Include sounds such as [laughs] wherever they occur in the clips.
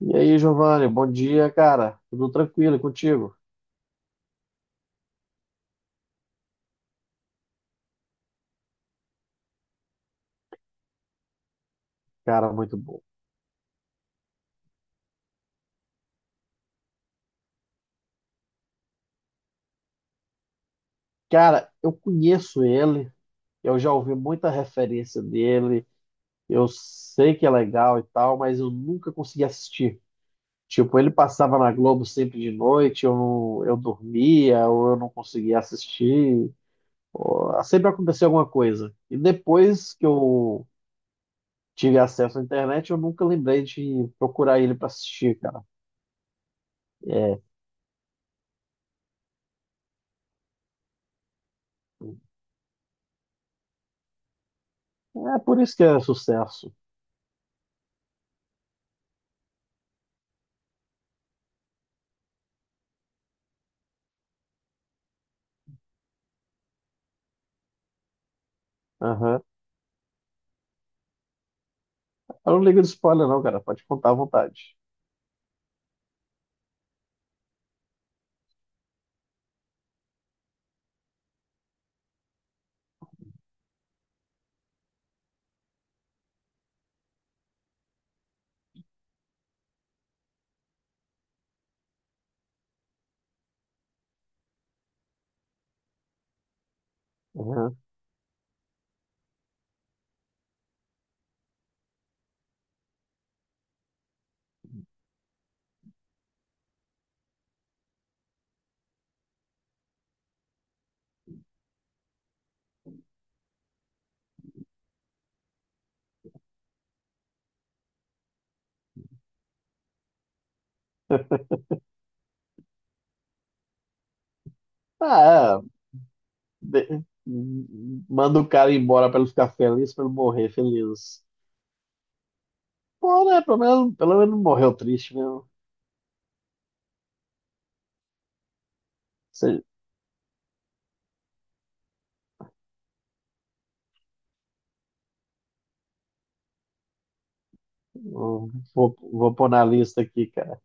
E aí, Giovanni, bom dia, cara. Tudo tranquilo e contigo? Cara, muito bom. Cara, eu conheço ele, eu já ouvi muita referência dele, eu sei que é legal e tal, mas eu nunca consegui assistir. Tipo, ele passava na Globo sempre de noite, eu dormia, ou eu não conseguia assistir. Sempre acontecia alguma coisa. E depois que eu tive acesso à internet, eu nunca lembrei de procurar ele para assistir, cara. É por isso que é sucesso. Aham. Eu não ligo de spoiler, não, cara. Pode contar à vontade. Uhum. [laughs] Ah, é. de- Manda o cara embora pra ele ficar feliz, pra ele morrer feliz. Bom, né? Pelo menos não morreu triste mesmo. Se- Vou, vou pôr na lista aqui, cara.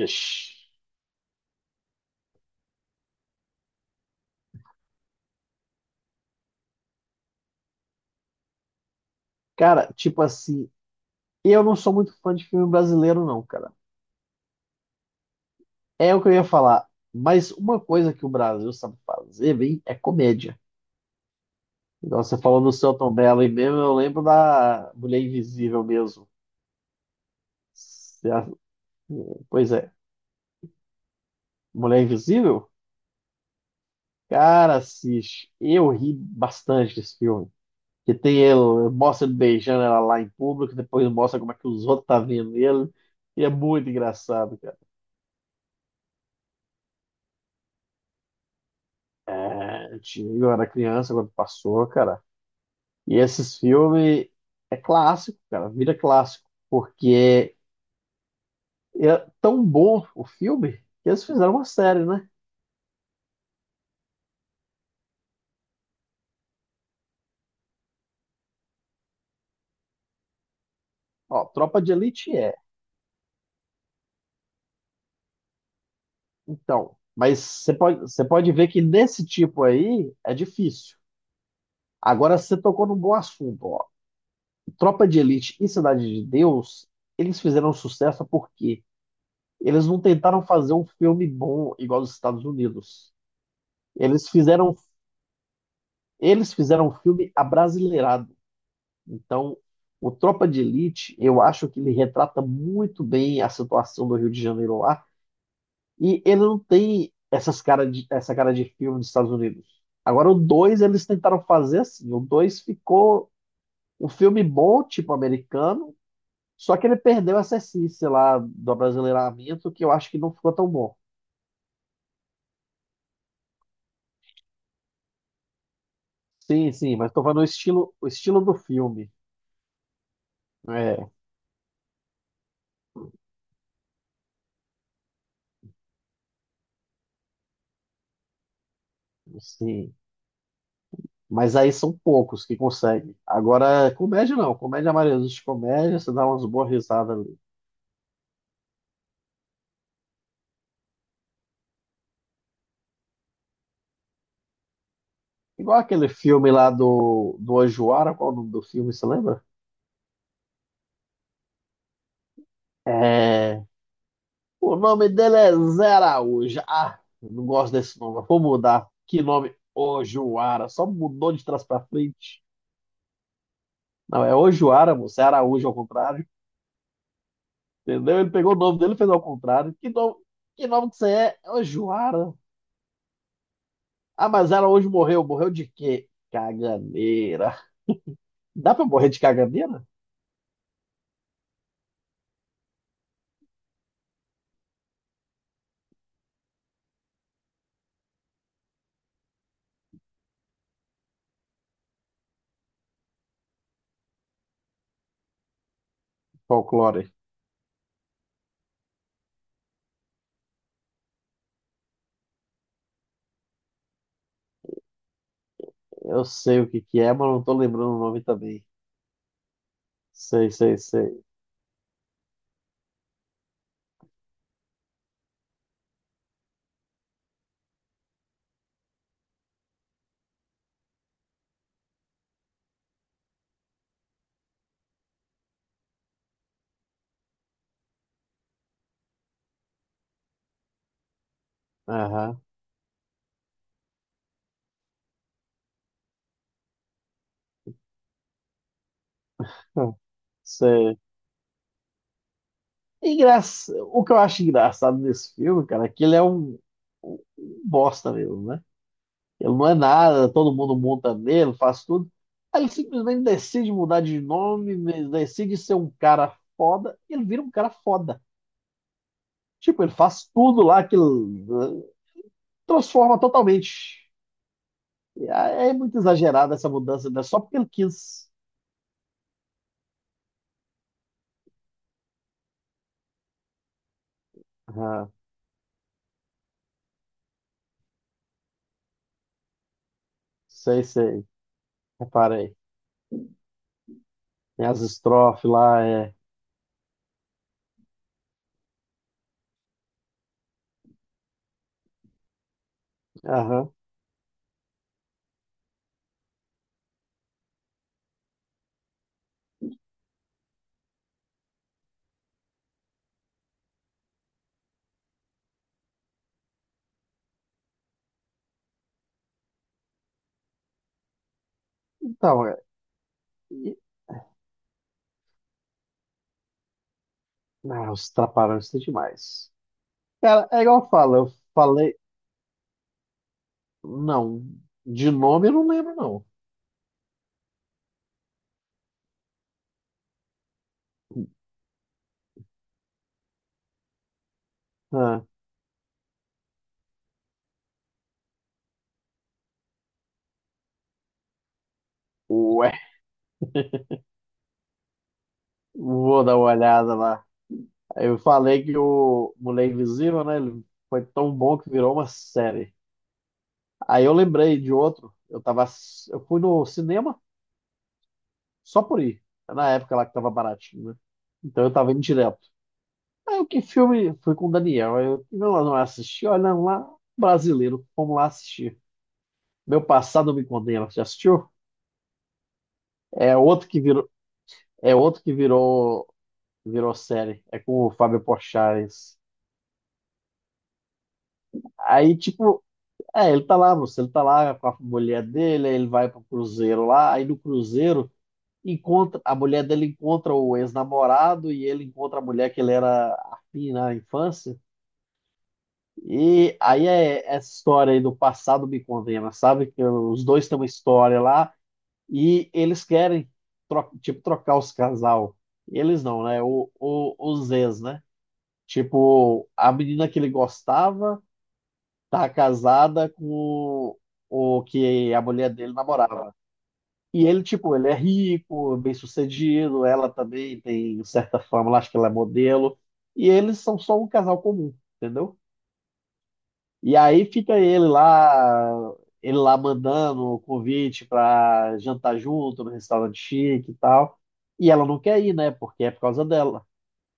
Ixi. Cara, tipo assim, eu não sou muito fã de filme brasileiro, não, cara. É o que eu ia falar. Mas uma coisa que o Brasil sabe fazer bem é comédia. Igual você falou do Selton Mello, aí mesmo eu lembro da Mulher Invisível mesmo. Se a- Pois é. Mulher Invisível? Cara, assiste. Eu ri bastante desse filme. Que tem ele, mostra ele beijando ela lá em público, depois mostra como é que os outros tá vendo ele. E é muito engraçado, cara. É, eu era criança quando passou, cara. E esses filmes é clássico, cara, vira clássico. Porque é tão bom o filme que eles fizeram uma série, né? Ó, Tropa de Elite é. Então, mas você pode ver que nesse tipo aí é difícil. Agora você tocou num bom assunto, ó. Tropa de Elite e Cidade de Deus, eles fizeram sucesso porque eles não tentaram fazer um filme bom igual os Estados Unidos. Eles fizeram, eles fizeram um filme abrasileirado. Então, o Tropa de Elite, eu acho que ele retrata muito bem a situação do Rio de Janeiro lá. E ele não tem essa cara de filme dos Estados Unidos. Agora, o 2 eles tentaram fazer assim. O 2 ficou um filme bom, tipo americano, só que ele perdeu essa essência lá do abrasileiramento, que eu acho que não ficou tão bom. Sim, sim, mas tô falando o estilo do filme. É, sim. Mas aí são poucos que conseguem. Agora, comédia não. Comédia, a maioria dos de comédia, você dá umas boas risadas ali. Igual aquele filme lá do Ojuara, qual é o nome do filme, você lembra? É, o nome dele é Zé Araújo. Ah, eu não gosto desse nome. Vou mudar. Que nome? Ojoara. Só mudou de trás pra frente. Não, é Ojoara, moço. É Araújo ao contrário. Entendeu? Ele pegou o nome dele e fez ao contrário. Que nome que você é? É Ojoara. Ah, mas Araújo morreu. Morreu de quê? Caganeira. Dá pra morrer de caganeira? Folclore. Eu sei o que que é, mas não tô lembrando o nome também. Sei, sei, sei. Aham. Hum, sério. O que eu acho engraçado nesse filme, cara, é que ele é um bosta mesmo, né? Ele não é nada, todo mundo monta nele, faz tudo. Aí ele simplesmente decide mudar de nome, decide ser um cara foda, e ele vira um cara foda. Tipo, ele faz tudo lá que ele, eh, transforma totalmente. É muito exagerada essa mudança, né? Só porque ele quis. Aham, sei, sei, reparei. Tem as estrofes lá, é. Aham. Então, é. Ah, os Trapalhões são demais. Cara, eu falei. Não, de nome eu não lembro, não. Ah, ué, vou dar uma olhada lá. Eu falei que o Mulher Invisível, né? Ele foi tão bom que virou uma série. Aí eu lembrei de outro. Eu fui no cinema só por ir. É na época lá que tava baratinho, né? Então eu tava indo direto. Aí o que filme? Fui com o Daniel. Aí eu não, não assisti, olha lá, brasileiro. Vamos lá assistir. Meu passado me condena. Já assistiu? É outro que virou, é outro que virou, virou série. É com o Fábio Porchat. Esse. Aí, tipo, ele tá lá com a mulher dele, aí ele vai pro cruzeiro lá, aí no cruzeiro encontra a mulher dele encontra o ex-namorado e ele encontra a mulher que ele era afim na infância. E aí é essa história aí do passado me condena, sabe? Que os dois têm uma história lá e eles querem tipo trocar os casal. Eles não, né? Os ex, né? Tipo, a menina que ele gostava tá casada com o que a mulher dele namorava. E ele, tipo, ele é rico, bem-sucedido, ela também tem certa fama, lá, acho que ela é modelo. E eles são só um casal comum, entendeu? E aí fica ele lá mandando o convite pra jantar junto no restaurante chique e tal. E ela não quer ir, né? Porque é por causa dela.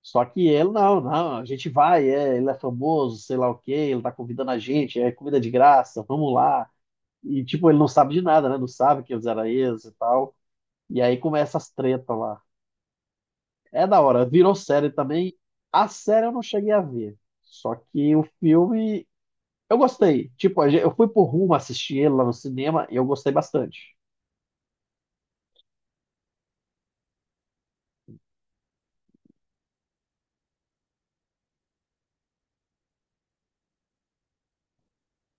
Só que ele, não, não, a gente vai, é, ele é famoso, sei lá o quê, ele tá convidando a gente, é comida de graça, vamos lá. E, tipo, ele não sabe de nada, né? Não sabe que eles eram ex e tal. E aí começa as tretas lá. É da hora, virou série também. A série eu não cheguei a ver. Só que o filme, eu gostei. Tipo, eu fui por rumo assistir ele lá no cinema e eu gostei bastante.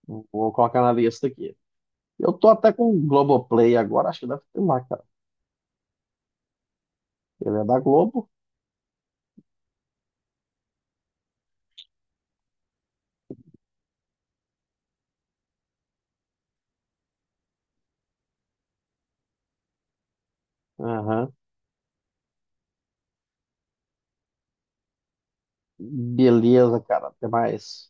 Vou colocar na lista aqui. Eu tô até com o Globoplay agora, acho que deve ter lá, cara. Ele é da Globo. Aham. Beleza, cara. Até mais.